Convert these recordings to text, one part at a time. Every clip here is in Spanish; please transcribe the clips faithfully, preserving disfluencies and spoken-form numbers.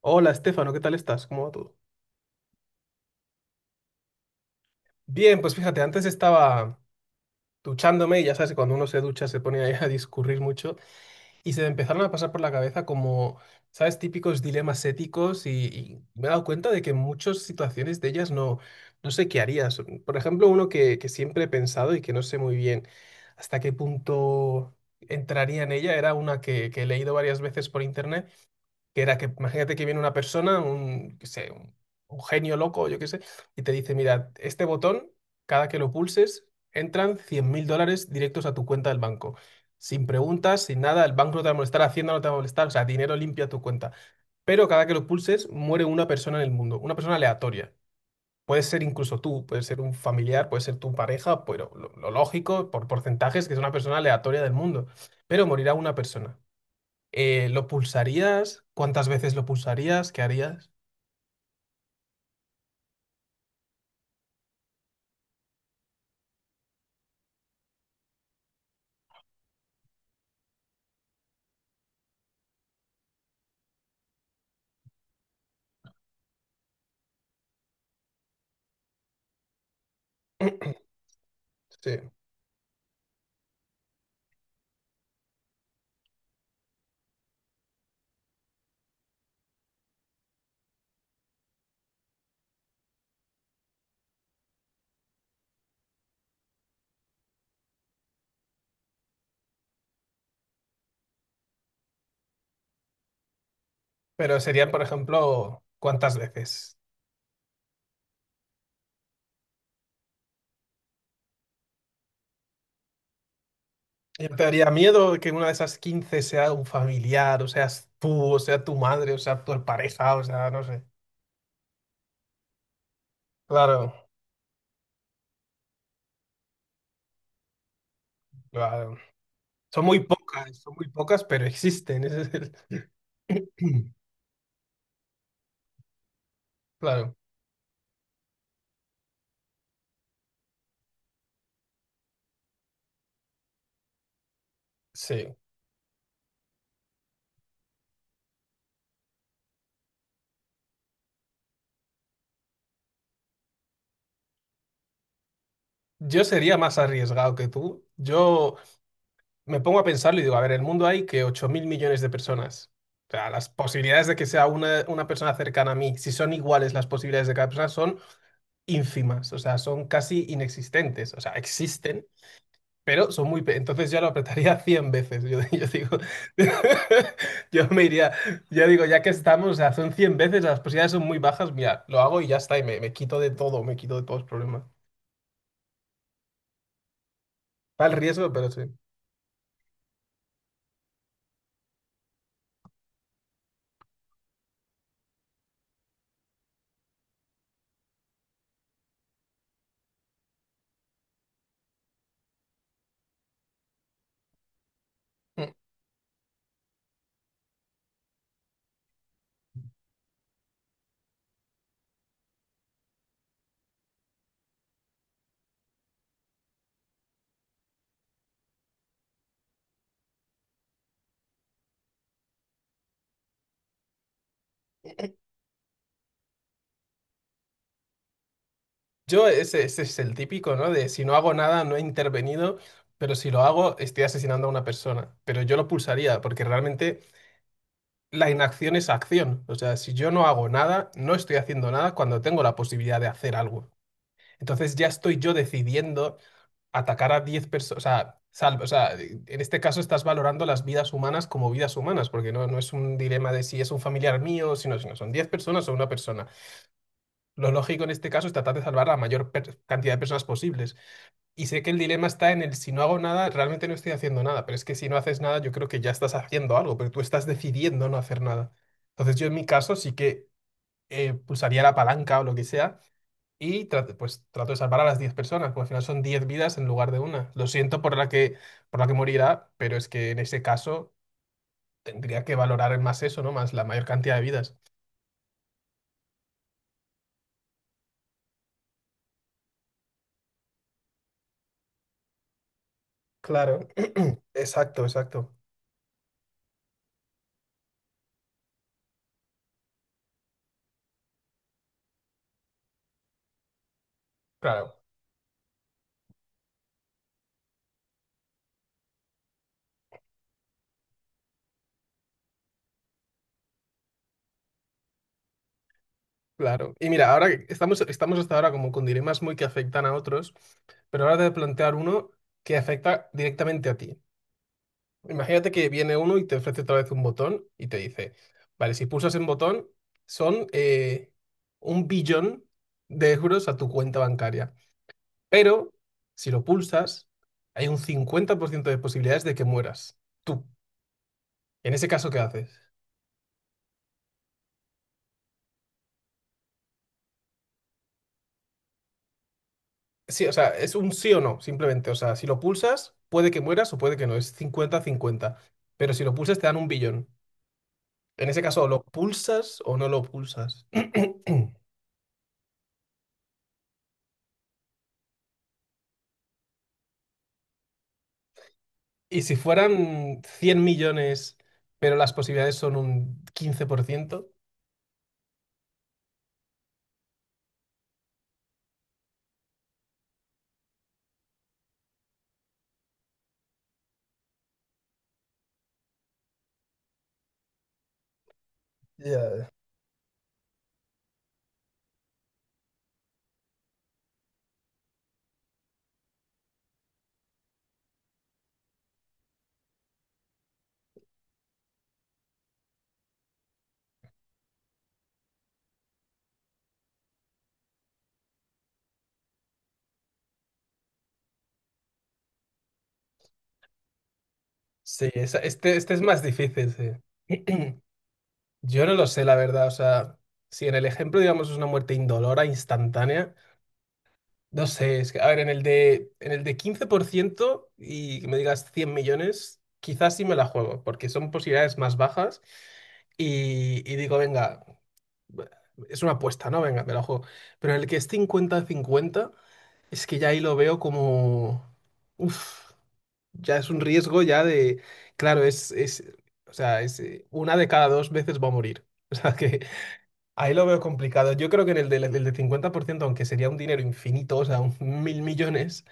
Hola, Estefano, ¿qué tal estás? ¿Cómo va todo? Bien, pues fíjate, antes estaba duchándome y ya sabes que cuando uno se ducha se pone ahí a discurrir mucho y se me empezaron a pasar por la cabeza como, ¿sabes? Típicos dilemas éticos y, y me he dado cuenta de que en muchas situaciones de ellas no, no sé qué harías. Por ejemplo, uno que, que siempre he pensado y que no sé muy bien hasta qué punto entraría en ella, era una que, que he leído varias veces por internet, que era que imagínate que viene una persona, un, qué sé, un, un genio loco, yo qué sé, y te dice, mira, este botón, cada que lo pulses, entran cien mil dólares directos a tu cuenta del banco. Sin preguntas, sin nada, el banco no te va a molestar, Hacienda no te va a molestar, o sea, dinero limpio a tu cuenta. Pero cada que lo pulses, muere una persona en el mundo, una persona aleatoria. Puede ser incluso tú, puede ser un familiar, puede ser tu pareja, pero lo, lo lógico, por porcentajes, que es una persona aleatoria del mundo. Pero morirá una persona. Eh, ¿lo pulsarías? ¿Cuántas veces lo pulsarías? ¿Qué harías? Sí. Pero serían, por ejemplo, ¿cuántas veces? Y te daría miedo que una de esas quince sea un familiar, o seas tú, o sea tu madre, o sea tu pareja, o sea, no sé. Claro, claro. Son muy pocas, son muy pocas, pero existen. ese es el- Claro, sí. Yo sería más arriesgado que tú. Yo me pongo a pensarlo y digo, a ver, en el mundo hay que ocho mil millones de personas. O sea, las posibilidades de que sea una, una persona cercana a mí, si son iguales las posibilidades de cada persona, son ínfimas, o sea, son casi inexistentes, o sea, existen, pero son muy. pe- Entonces yo lo apretaría cien veces, yo, yo digo, yo me iría, yo digo, ya que estamos, o sea, son cien veces, las posibilidades son muy bajas, mira, lo hago y ya está, y me, me quito de todo, me quito de todos los problemas. Está el riesgo, pero sí. Yo, ese, ese es el típico, ¿no? De si no hago nada, no he intervenido, pero si lo hago, estoy asesinando a una persona. Pero yo lo pulsaría, porque realmente la inacción es acción. O sea, si yo no hago nada, no estoy haciendo nada cuando tengo la posibilidad de hacer algo. Entonces ya estoy yo decidiendo atacar a diez personas. O sea, salvo, o sea, en este caso estás valorando las vidas humanas como vidas humanas, porque no, no es un dilema de si es un familiar mío, sino, sino son diez personas o una persona. Lo lógico en este caso es tratar de salvar a la mayor per- cantidad de personas posibles. Y sé que el dilema está en el si no hago nada, realmente no estoy haciendo nada, pero es que si no haces nada, yo creo que ya estás haciendo algo, pero tú estás decidiendo no hacer nada. Entonces yo en mi caso sí que eh, pulsaría la palanca o lo que sea y trato, pues trato de salvar a las diez personas, porque al final son diez vidas en lugar de una. Lo siento por la que, por la que morirá, pero es que en ese caso tendría que valorar más eso, ¿no? Más la mayor cantidad de vidas. Claro, exacto, exacto. Claro. Claro. Y mira, ahora que estamos, estamos hasta ahora como con dilemas muy que afectan a otros, pero ahora te voy a plantear uno que afecta directamente a ti. Imagínate que viene uno y te ofrece otra vez un botón y te dice, vale, si pulsas en botón, son eh, un billón de euros a tu cuenta bancaria. Pero si lo pulsas, hay un cincuenta por ciento de posibilidades de que mueras. Tú. En ese caso, ¿qué haces? Sí, o sea, es un sí o no, simplemente. O sea, si lo pulsas, puede que mueras o puede que no, es cincuenta-cincuenta. Pero si lo pulsas, te dan un billón. En ese caso, o lo pulsas o no lo pulsas. Y si fueran cien millones, pero las posibilidades son un quince por ciento. Ya. Sí, esa- este, este es más difícil, sí. Yo no lo sé, la verdad. O sea, si en el ejemplo, digamos, es una muerte indolora, instantánea. No sé, es que, a ver, en el de, en el de quince por ciento y que me digas cien millones, quizás sí me la juego, porque son posibilidades más bajas y, y digo, venga, es una apuesta, ¿no? Venga, me la juego. Pero en el que es cincuenta-cincuenta es que ya ahí lo veo como. Uf, ya es un riesgo ya de. Claro, es, es, o sea, es, eh, una de cada dos veces va a morir. O sea, que ahí lo veo complicado. Yo creo que en el del, el del cincuenta por ciento, aunque sería un dinero infinito, o sea, un mil millones,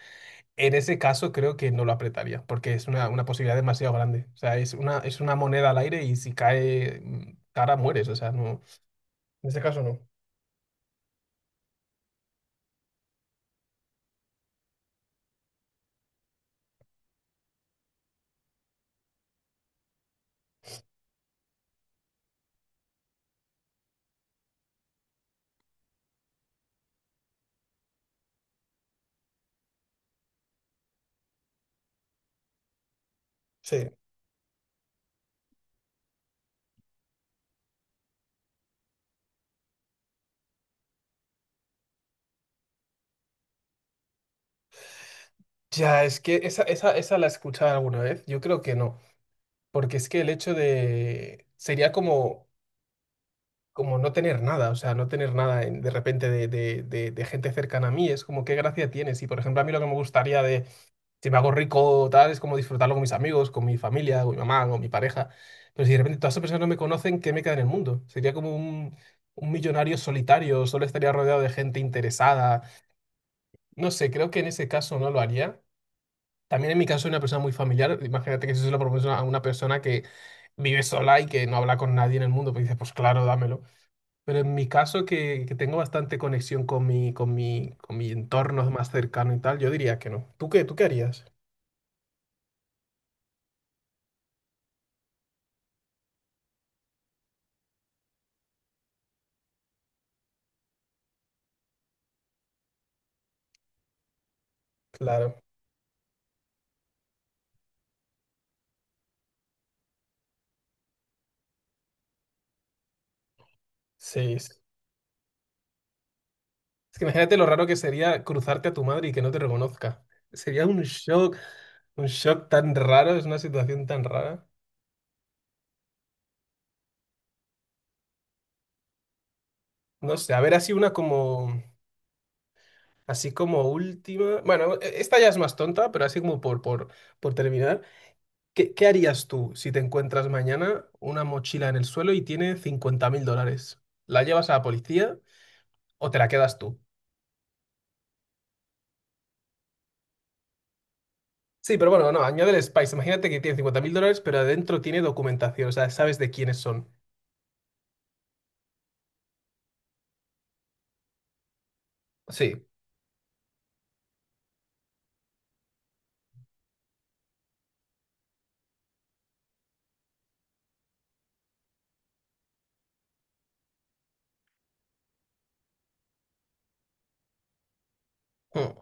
en ese caso creo que no lo apretaría, porque es una, una posibilidad demasiado grande. O sea, es una, es una moneda al aire y si cae mm, cara, mueres. O sea, no. En ese caso no. Sí. Ya, es que esa, esa, esa la he escuchado alguna vez. Yo creo que no. Porque es que el hecho de. Sería como, como no tener nada, o sea, no tener nada en- de repente de, de, de, de gente cercana a mí. Es como, ¿qué gracia tienes? Y, por ejemplo, a mí lo que me gustaría, si me hago rico, tal, es como disfrutarlo con mis amigos, con mi familia, con mi mamá, con mi pareja. Pero si de repente todas esas personas no me conocen, ¿qué me queda en el mundo? Sería como un, un millonario solitario, solo estaría rodeado de gente interesada. No sé, creo que en ese caso no lo haría. También en mi caso soy una persona muy familiar. Imagínate que si se lo propones a una persona que vive sola y que no habla con nadie en el mundo, pues dices, pues claro, dámelo. Pero en mi caso, que, que tengo bastante conexión con mi, con mi, con mi entorno más cercano y tal, yo diría que no. ¿Tú qué? ¿Tú qué harías? Claro. Sí, sí. Es que imagínate lo raro que sería cruzarte a tu madre y que no te reconozca. Sería un shock, un shock tan raro, es una situación tan rara. No sé, a ver, así una como, así como última. Bueno, e- esta ya es más tonta, pero así como por, por, por terminar. ¿Qué, qué harías tú si te encuentras mañana una mochila en el suelo y tiene cincuenta mil dólares? ¿La llevas a la policía o te la quedas tú? Sí, pero bueno, no, añade el Spice. Imagínate que tiene cincuenta mil dólares, pero adentro tiene documentación, o sea, sabes de quiénes son. Sí. Hmm.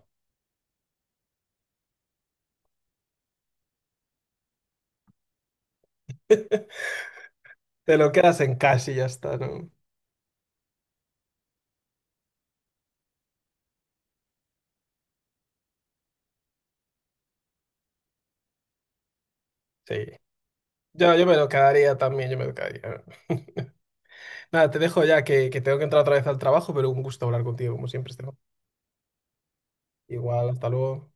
Te lo quedas en casa y ya está, ¿no? Sí. Yo, yo me lo quedaría también, yo me lo quedaría. Nada, te dejo ya que, que tengo que entrar otra vez al trabajo, pero un gusto hablar contigo, como siempre, Esteban. Igual, hasta luego.